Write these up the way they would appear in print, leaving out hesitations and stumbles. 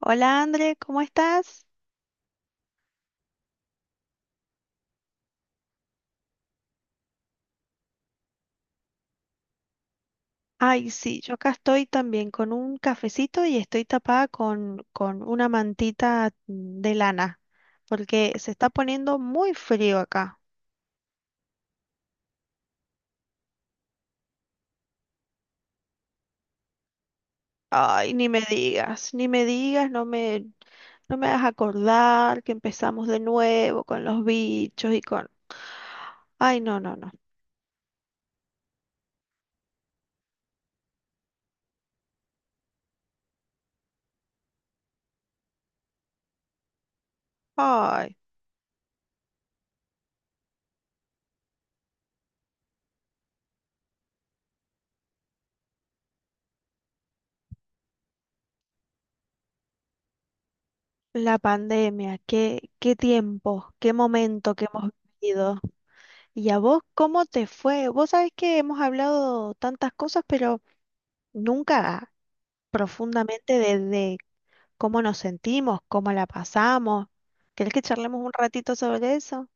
Hola André, ¿cómo estás? Ay, sí, yo acá estoy también con un cafecito y estoy tapada con una mantita de lana, porque se está poniendo muy frío acá. Ay, ni me digas, ni me digas, no me hagas acordar que empezamos de nuevo con los bichos y con... Ay, no, no, no. Ay, la pandemia, qué tiempo, qué momento que hemos vivido. ¿Y a vos cómo te fue? Vos sabés que hemos hablado tantas cosas, pero nunca profundamente desde cómo nos sentimos, cómo la pasamos. ¿Querés que charlemos un ratito sobre eso?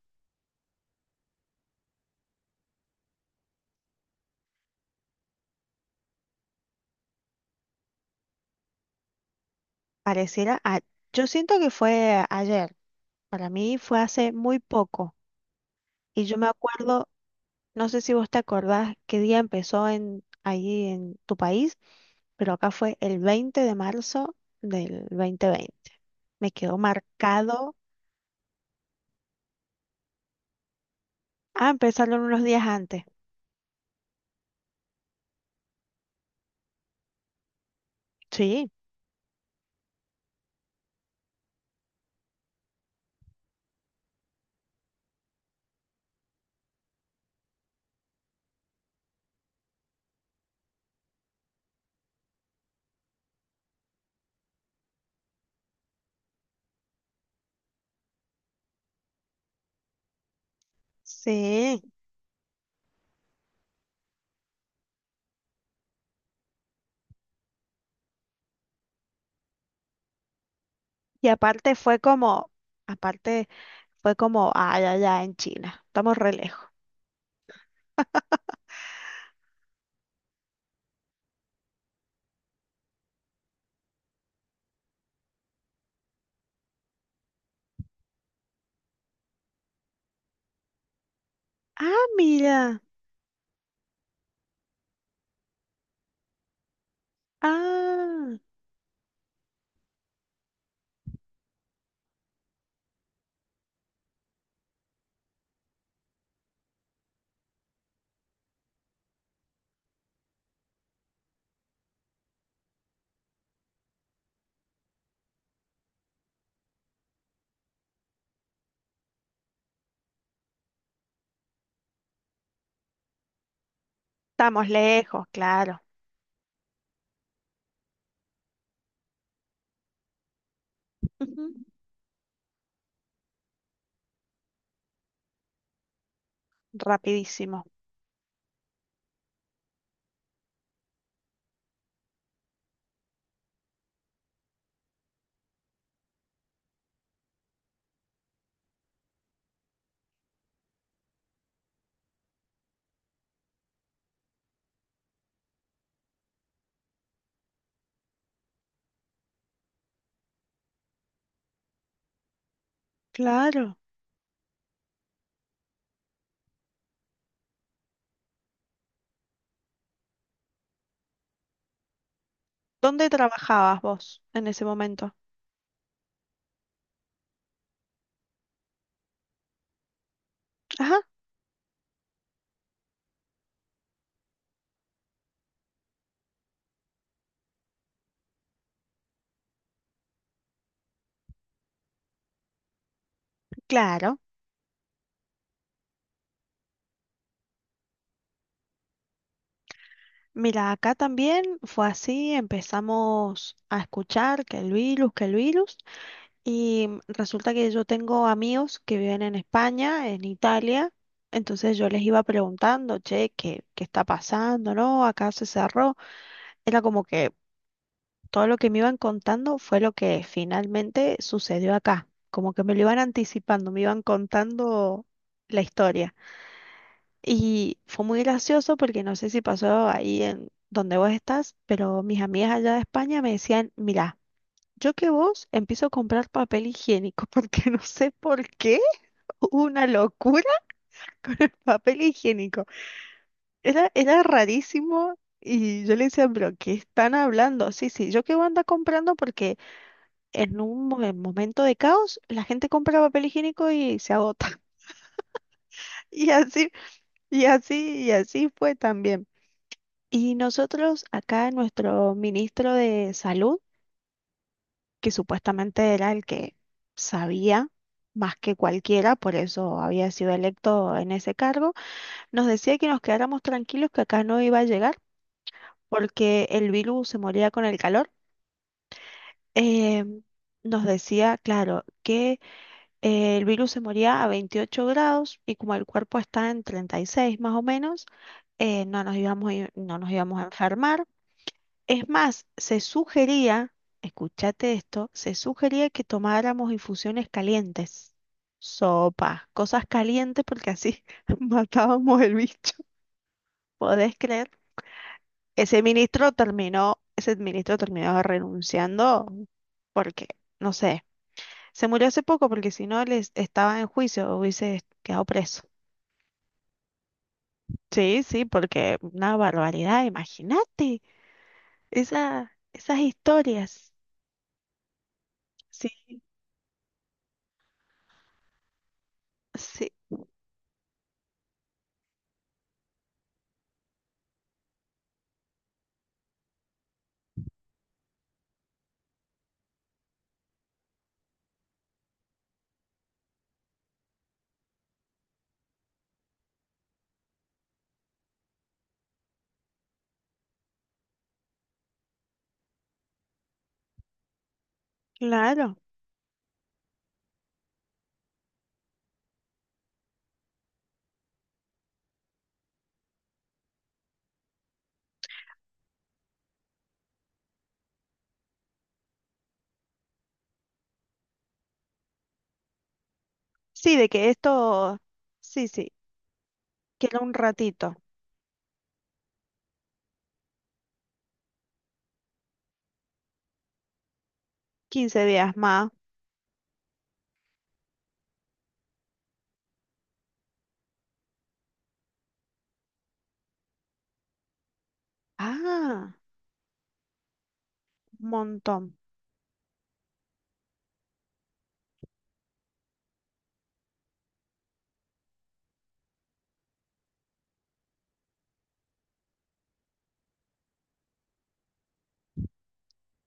Pareciera, yo siento que fue ayer, para mí fue hace muy poco. Y yo me acuerdo, no sé si vos te acordás qué día empezó ahí en tu país, pero acá fue el 20 de marzo del 2020. Me quedó marcado. Ah, empezaron unos días antes. Sí, sí. Y aparte fue como, ay, allá en China. Estamos re lejos. Ah, mira. Ah, estamos lejos, claro. Ujú. Rapidísimo. Claro. ¿Dónde trabajabas vos en ese momento? Ajá, claro. Mira, acá también fue así, empezamos a escuchar que el virus, que el virus. Y resulta que yo tengo amigos que viven en España, en Italia, entonces yo les iba preguntando, che, ¿qué está pasando? ¿No? Acá se cerró. Era como que todo lo que me iban contando fue lo que finalmente sucedió acá. Como que me lo iban anticipando, me iban contando la historia. Y fue muy gracioso porque no sé si pasó ahí en donde vos estás, pero mis amigas allá de España me decían, mirá. Yo que vos empiezo a comprar papel higiénico, porque no sé por qué hubo una locura con el papel higiénico. Era rarísimo y yo le decía, pero ¿qué están hablando? Sí, sí, yo que vos anda comprando porque en momento de caos la gente compra papel higiénico y se agota. Y así, y así fue también. Y nosotros acá, nuestro ministro de Salud, que supuestamente era el que sabía más que cualquiera, por eso había sido electo en ese cargo, nos decía que nos quedáramos tranquilos que acá no iba a llegar porque el virus se moría con el calor. Eh, Nos decía, claro, que el virus se moría a 28 grados y como el cuerpo está en 36 más o menos, no nos íbamos, a ir- no nos íbamos a enfermar. Es más, se sugería, escúchate esto, se sugería que tomáramos infusiones calientes, sopa, cosas calientes porque así matábamos el bicho. ¿Podés creer? Ese ministro terminó renunciando porque, no sé, se murió hace poco porque si no les estaba en juicio, hubiese quedado preso. Sí, sí, porque una barbaridad, imagínate esas historias. Sí, sí, claro. Sí, de que esto, sí, sí, queda un ratito, 15 días más. Ah, un montón.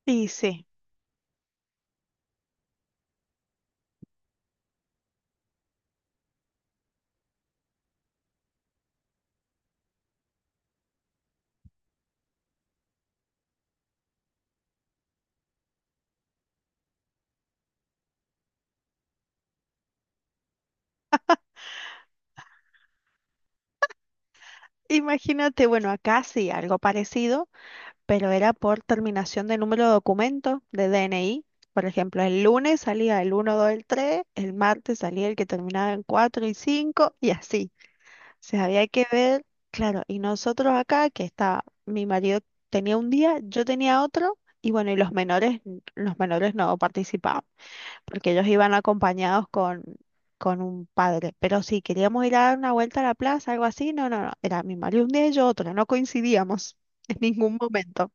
Y sí, imagínate, bueno, acá sí, algo parecido, pero era por terminación de número de documento de DNI. Por ejemplo, el lunes salía el uno, 2, el 3, el martes salía el que terminaba en 4 y 5 y así. O sea, había que ver, claro, y nosotros acá, que estaba mi marido tenía un día, yo tenía otro, y bueno, y los menores no participaban. Porque ellos iban acompañados con un padre. Pero si queríamos ir a dar una vuelta a la plaza, algo así, no, no, no, era mi marido un día y yo otro, no coincidíamos en ningún momento.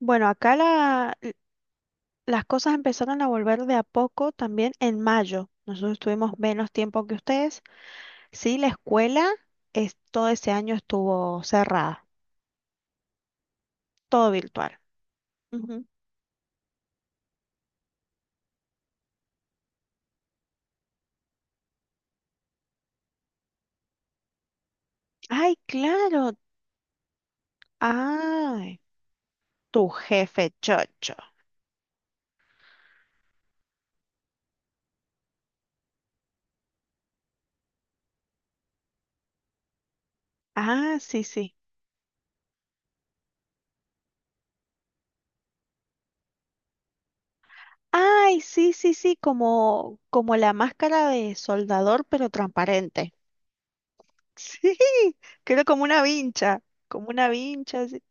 Bueno, acá las cosas empezaron a volver de a poco también en mayo. Nosotros tuvimos menos tiempo que ustedes. Sí, la escuela todo ese año estuvo cerrada, todo virtual. Ujú. Ay, claro. Ay, tu jefe chocho. Ah, sí, sí. Ay, sí, sí, sí, como la máscara de soldador, pero transparente. Sí, que era como una vincha, como una vincha, así.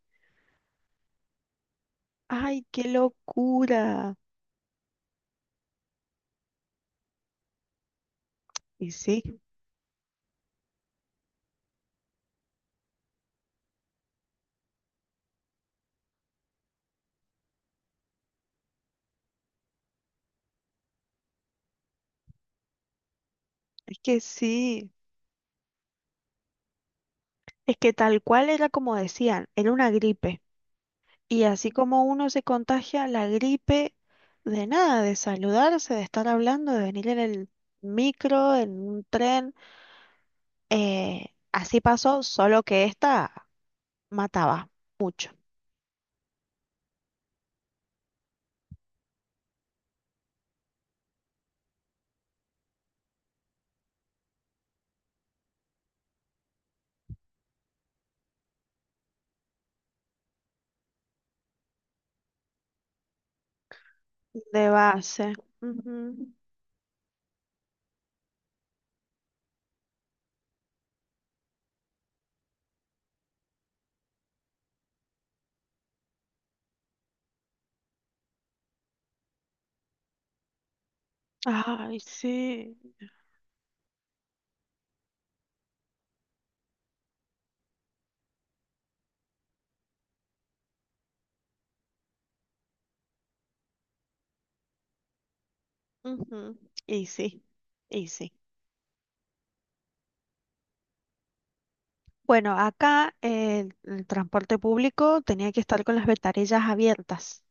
Ay, qué locura. Y sí, es que tal cual era como decían, era una gripe. Y así como uno se contagia la gripe de nada, de saludarse, de estar hablando, de venir en el micro, en un tren, así pasó, solo que esta mataba. De base. Ujú. Ay, sí. Ujú. Y sí, y sí. Bueno, acá el transporte público tenía que estar con las ventanillas abiertas.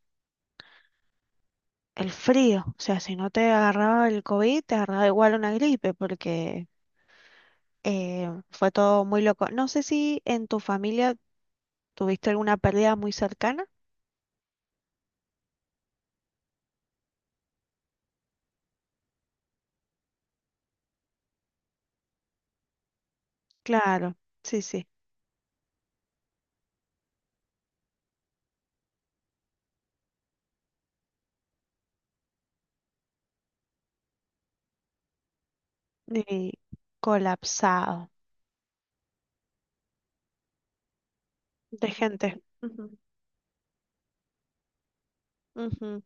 El frío, o sea, si no te agarraba el COVID, te agarraba igual una gripe, porque fue todo muy loco. No sé si en tu familia tuviste alguna pérdida muy cercana. Claro, sí, sí. Y colapsado de gente. Ujú, ujú.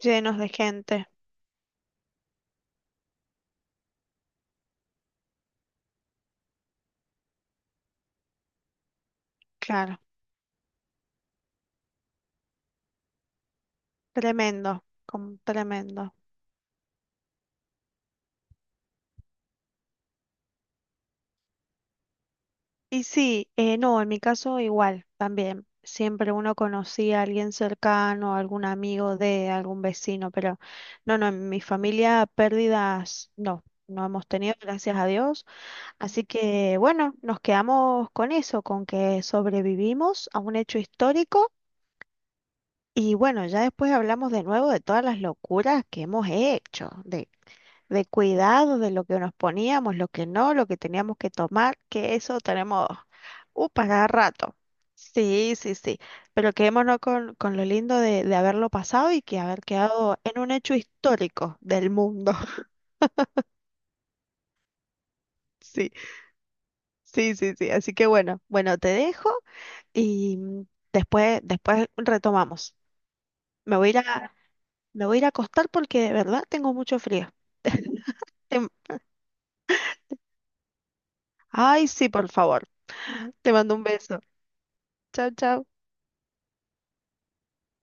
Llenos de gente. Claro, tremendo, tremendo. Y sí, no, en mi caso igual, también. Siempre uno conocía a alguien cercano, algún amigo de algún vecino, pero no, no, en mi familia pérdidas no, no hemos tenido, gracias a Dios. Así que bueno, nos quedamos con eso, con que sobrevivimos a un hecho histórico y bueno, ya después hablamos de nuevo de todas las locuras que hemos hecho, de cuidado de lo que nos poníamos, lo que no, lo que teníamos que tomar, que eso tenemos para cada rato. Sí, sí, sí. Pero quedémonos con lo lindo de haberlo pasado y que haber quedado en un hecho histórico del mundo. Sí, sí, sí, sí. Así que bueno, bueno, te dejo y después retomamos. Me voy a ir a, me voy a ir a acostar porque de verdad tengo mucho frío. Te- Ay, sí, por favor. Te mando un beso. Chao, chao.